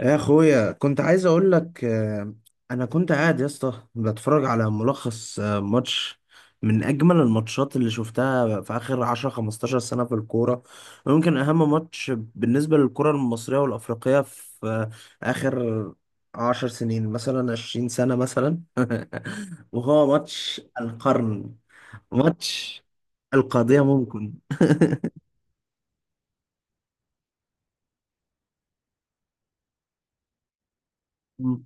يا اخويا، كنت عايز اقول لك، انا كنت قاعد يا اسطى بتفرج على ملخص، ماتش من اجمل الماتشات اللي شفتها في اخر 10 15 سنه في الكوره، ويمكن اهم ماتش بالنسبه للكره المصريه والافريقيه في اخر 10 سنين مثلا 20 سنه مثلا وهو ماتش القرن، ماتش القضيه ممكن. مم.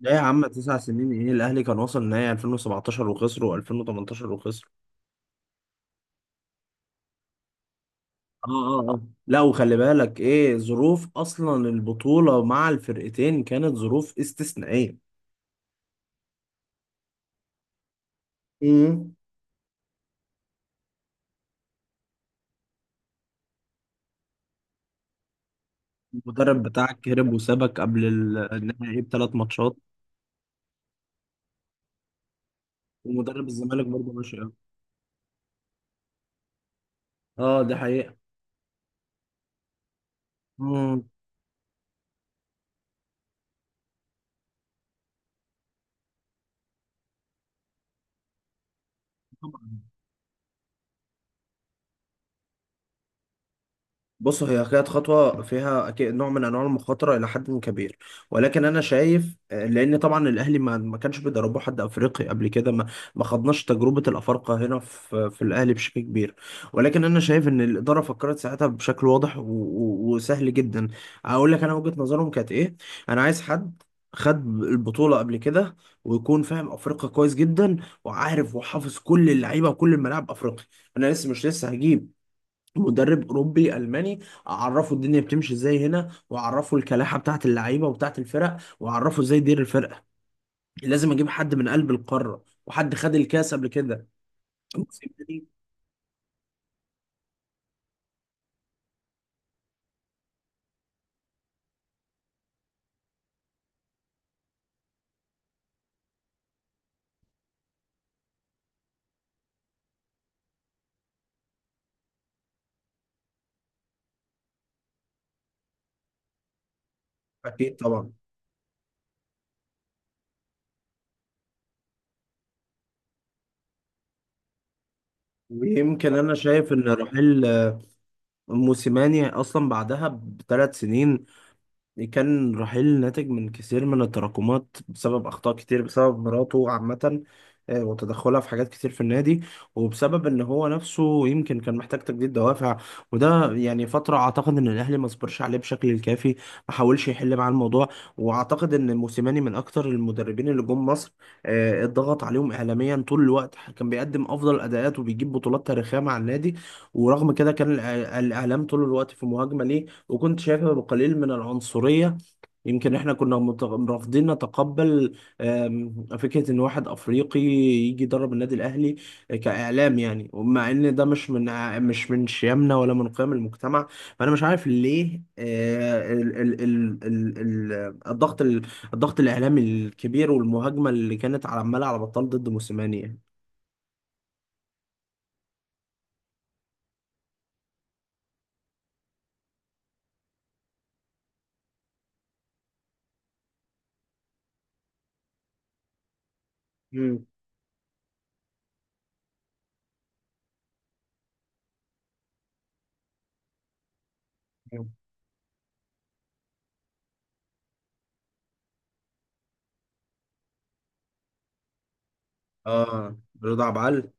لا يا عم، 9 سنين ايه، الاهلي كان وصل نهائي 2017 وخسر و2018 وخسر. اه، اه، اه، لا، وخلي بالك ايه، ظروف اصلا البطولة مع الفرقتين كانت ظروف استثنائية. امم. المدرب بتاعك هرب وسابك قبل النهائي بثلاث ماتشات. ومدرب الزمالك برضه ماشي أوي. اه، دي حقيقة. مم. طبعا. بص، هي كانت خطوة فيها أكيد نوع من أنواع المخاطرة إلى حد كبير، ولكن أنا شايف لأن طبعا الأهلي ما كانش بيدربوا حد أفريقي قبل كده، ما خدناش تجربة الأفارقة هنا في الأهلي بشكل كبير. ولكن أنا شايف إن الإدارة فكرت ساعتها بشكل واضح وسهل جدا. أقول لك أنا وجهة نظرهم كانت إيه: أنا عايز حد خد البطولة قبل كده، ويكون فاهم أفريقيا كويس جدا، وعارف وحافظ كل اللعيبة وكل الملاعب أفريقيا. أنا لسه مش لسه هجيب مدرب اوروبي الماني، اعرفه الدنيا بتمشي ازاي هنا، واعرفه الكلاحه بتاعت اللعيبه وبتاعت الفرق، واعرفه ازاي يدير الفرقه. لازم اجيب حد من قلب القاره، وحد خد الكاس قبل كده. موسيماني. اكيد طبعا. ويمكن انا شايف ان رحيل موسيماني اصلا بعدها ب3 سنين، كان رحيل ناتج من كثير من التراكمات، بسبب أخطاء كتير، بسبب مراته عامة، وتدخلها في حاجات كتير في النادي، وبسبب إن هو نفسه يمكن كان محتاج تجديد دوافع. وده يعني فترة أعتقد إن الأهلي ما صبرش عليه بشكل الكافي، ما حاولش يحل معاه الموضوع. وأعتقد إن موسيماني من أكتر المدربين اللي جم مصر، اتضغط عليهم إعلاميا طول الوقت. كان بيقدم أفضل أداءات وبيجيب بطولات تاريخية مع النادي، ورغم كده كان الإعلام طول الوقت في مهاجمة ليه. وكنت شايفها بقليل من العنصرية. يمكن احنا كنا رافضين نتقبل فكرة ان واحد افريقي يجي يدرب النادي الاهلي، كاعلام يعني. ومع ان ده مش من شيمنا ولا من قيم المجتمع. فانا مش عارف ليه، الضغط الضغط الاعلامي الكبير، والمهاجمة اللي كانت على عمالة على بطال ضد موسيماني يعني. مم. اه، رضا عبد العال.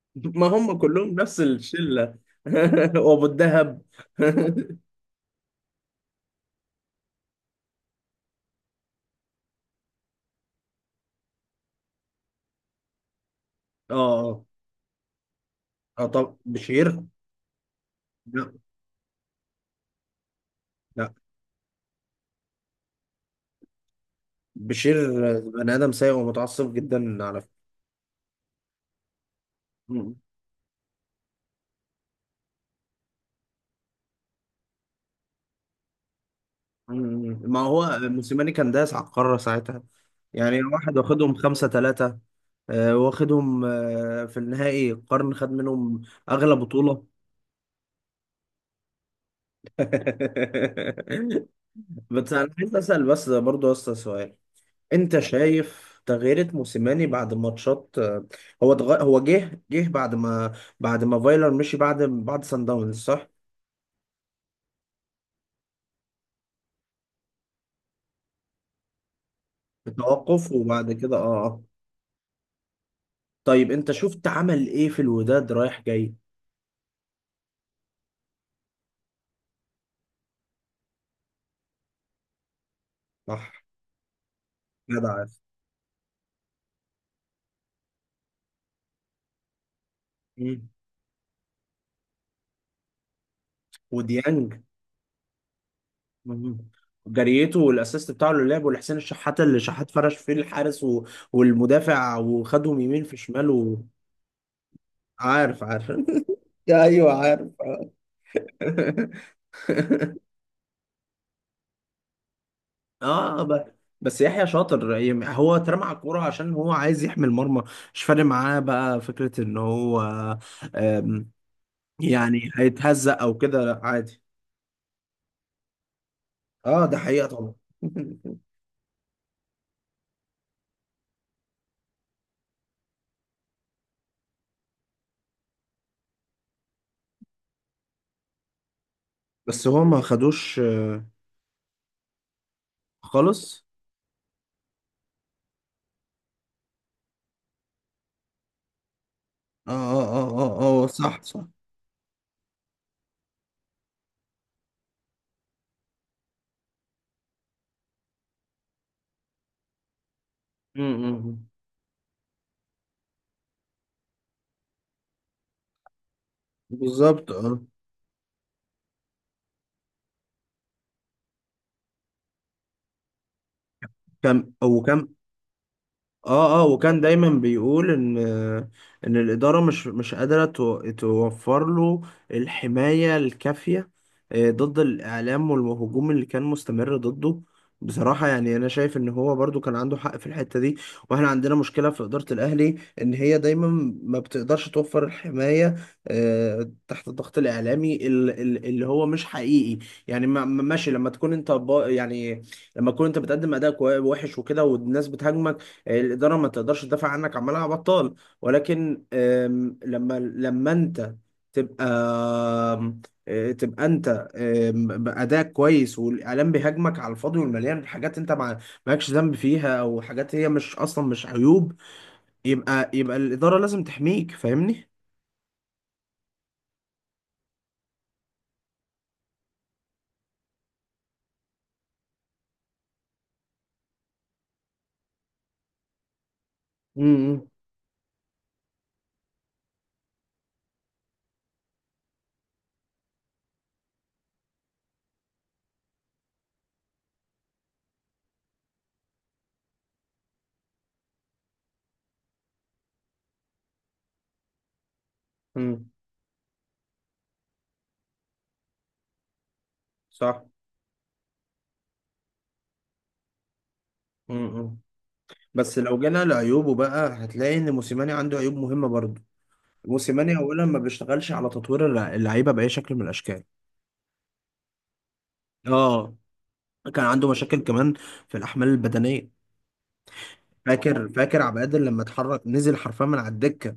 ما هم كلهم نفس الشله. وابو الدهب. اه، اه، طب بشير. لا. لا، بشير بني ادم سيء ومتعصب جدا على فكره. م- ما هو موسيماني كان داس على القاره ساعتها، يعني واحد واخدهم 5-3. واخدهم في النهائي القرن خد منهم أغلى بطولة. بس أنا عايز أسأل، بس برضو يا أسطى سؤال: انت شايف تغييرة موسيماني بعد ماتشات؟ هو جه بعد ما، بعد ما فايلر مشي، بعد سان داونز صح؟ بتوقف وبعد كده، اه، اه. طيب انت شفت عمل ايه في الوداد رايح جاي؟ صح. جدع عارف. مم. وديانج. مم. جريته، والاسيست بتاعه اللي لعبه لحسين الشحات، اللي شحات فرش فيه الحارس والمدافع وخدهم يمين في شمال. وعارف، عارف، عارف. ايوه عارف. اه، بس يحيى شاطر يعني، هو اترمى على الكوره عشان هو عايز يحمي المرمى، مش فارق معاه بقى فكره ان هو آم، يعني هيتهزق او كده، لا عادي. اه، ده حقيقه طبعا. بس هو ما خدوش خالص. اه، اه، اه، اه، اه، صح، صح. م- م- م. بالظبط اه. كم وكم. اه، اه، وكان دايما بيقول ان الاداره مش قادره توفر له الحمايه الكافيه ضد الاعلام والهجوم اللي كان مستمر ضده. بصراحه يعني انا شايف ان هو برضو كان عنده حق في الحته دي. واحنا عندنا مشكله في اداره الاهلي، ان هي دايما ما بتقدرش توفر الحمايه تحت الضغط الاعلامي اللي هو مش حقيقي يعني. ماشي لما تكون انت يعني، لما تكون انت بتقدم اداء وحش وكده والناس بتهاجمك، الاداره ما تقدرش تدافع عنك عمالها بطال. ولكن لما انت تبقى آم، آه، تبقى انت بادائك كويس، والاعلام بيهاجمك على الفاضي والمليان بحاجات انت ما مالكش ذنب فيها، او حاجات هي مش اصلا مش عيوب، يبقى الاداره لازم تحميك، فاهمني. امم. امم. صح. امم. بس لو جينا لعيوبه بقى هتلاقي ان موسيماني عنده عيوب مهمه برضه. موسيماني اولا ما بيشتغلش على تطوير اللعيبه باي شكل من الاشكال. اه، كان عنده مشاكل كمان في الأحمال البدنية. فاكر، فاكر عبد القادر لما اتحرك، نزل حرفيا من على الدكة،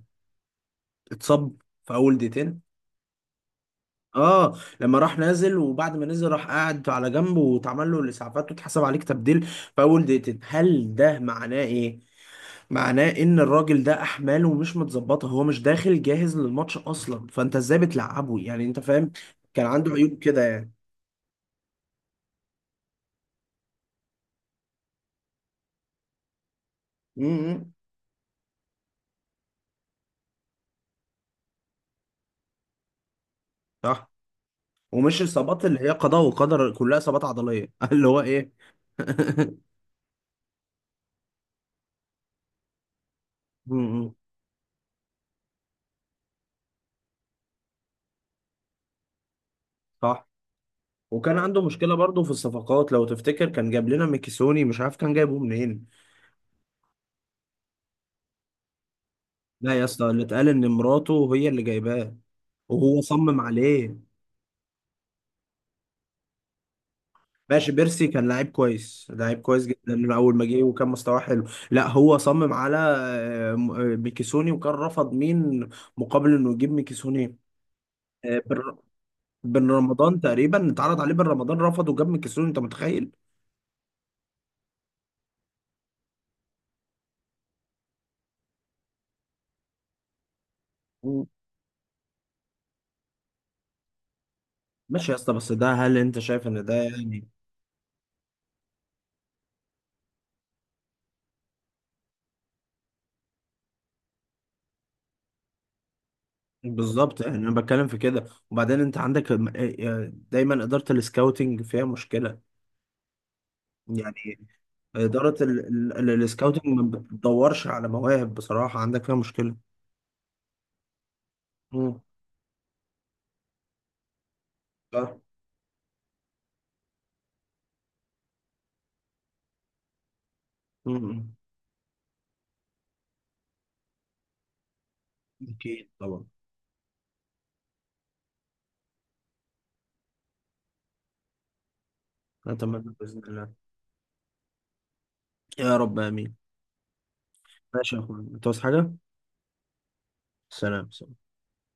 اتصاب في أول دقيقتين. اه، لما راح نازل، وبعد ما نزل راح قاعد على جنب، واتعمل له الإسعافات، واتحسب عليك تبديل في أول دقيقتين، هل ده معناه إيه؟ معناه إن الراجل ده أحماله مش متظبطة، هو مش داخل جاهز للماتش أصلا، فأنت إزاي بتلعبه؟ يعني أنت فاهم، كان عنده عيوب كده يعني. امم. صح. ومش إصابات اللي هي قضاء وقدر، كلها إصابات عضلية اللي هو إيه؟ امم، صح. وكان عنده مشكله برضه في الصفقات، لو تفتكر كان جاب لنا ميكيسوني، مش عارف كان جايبه منين. لا يا اسطى، اللي اتقال ان مراته هي اللي جايباه، وهو صمم عليه. ماشي، بيرسي كان لعيب كويس، لعيب كويس جدا من اول ما جه، وكان مستواه حلو. لا هو صمم على ميكيسوني، وكان رفض مين مقابل انه يجيب ميكيسوني؟ آه، بن بن رمضان تقريبا اتعرض عليه، بن رمضان رفض وجاب ميكيسوني، انت متخيل. مم. ماشي يا اسطى، بس ده هل انت شايف ان ده يعني؟ بالظبط. يعني انا بتكلم في كده. وبعدين انت عندك دايما اداره السكاوتنج فيها مشكله، يعني اداره السكاوتنج ما بتدورش على مواهب بصراحه، عندك فيها مشكله. امم. صح. امم. اكيد طبعا. اتمنى باذن الله. يا رب امين. ماشي يا اخويا، انت عاوز حاجه؟ سلام.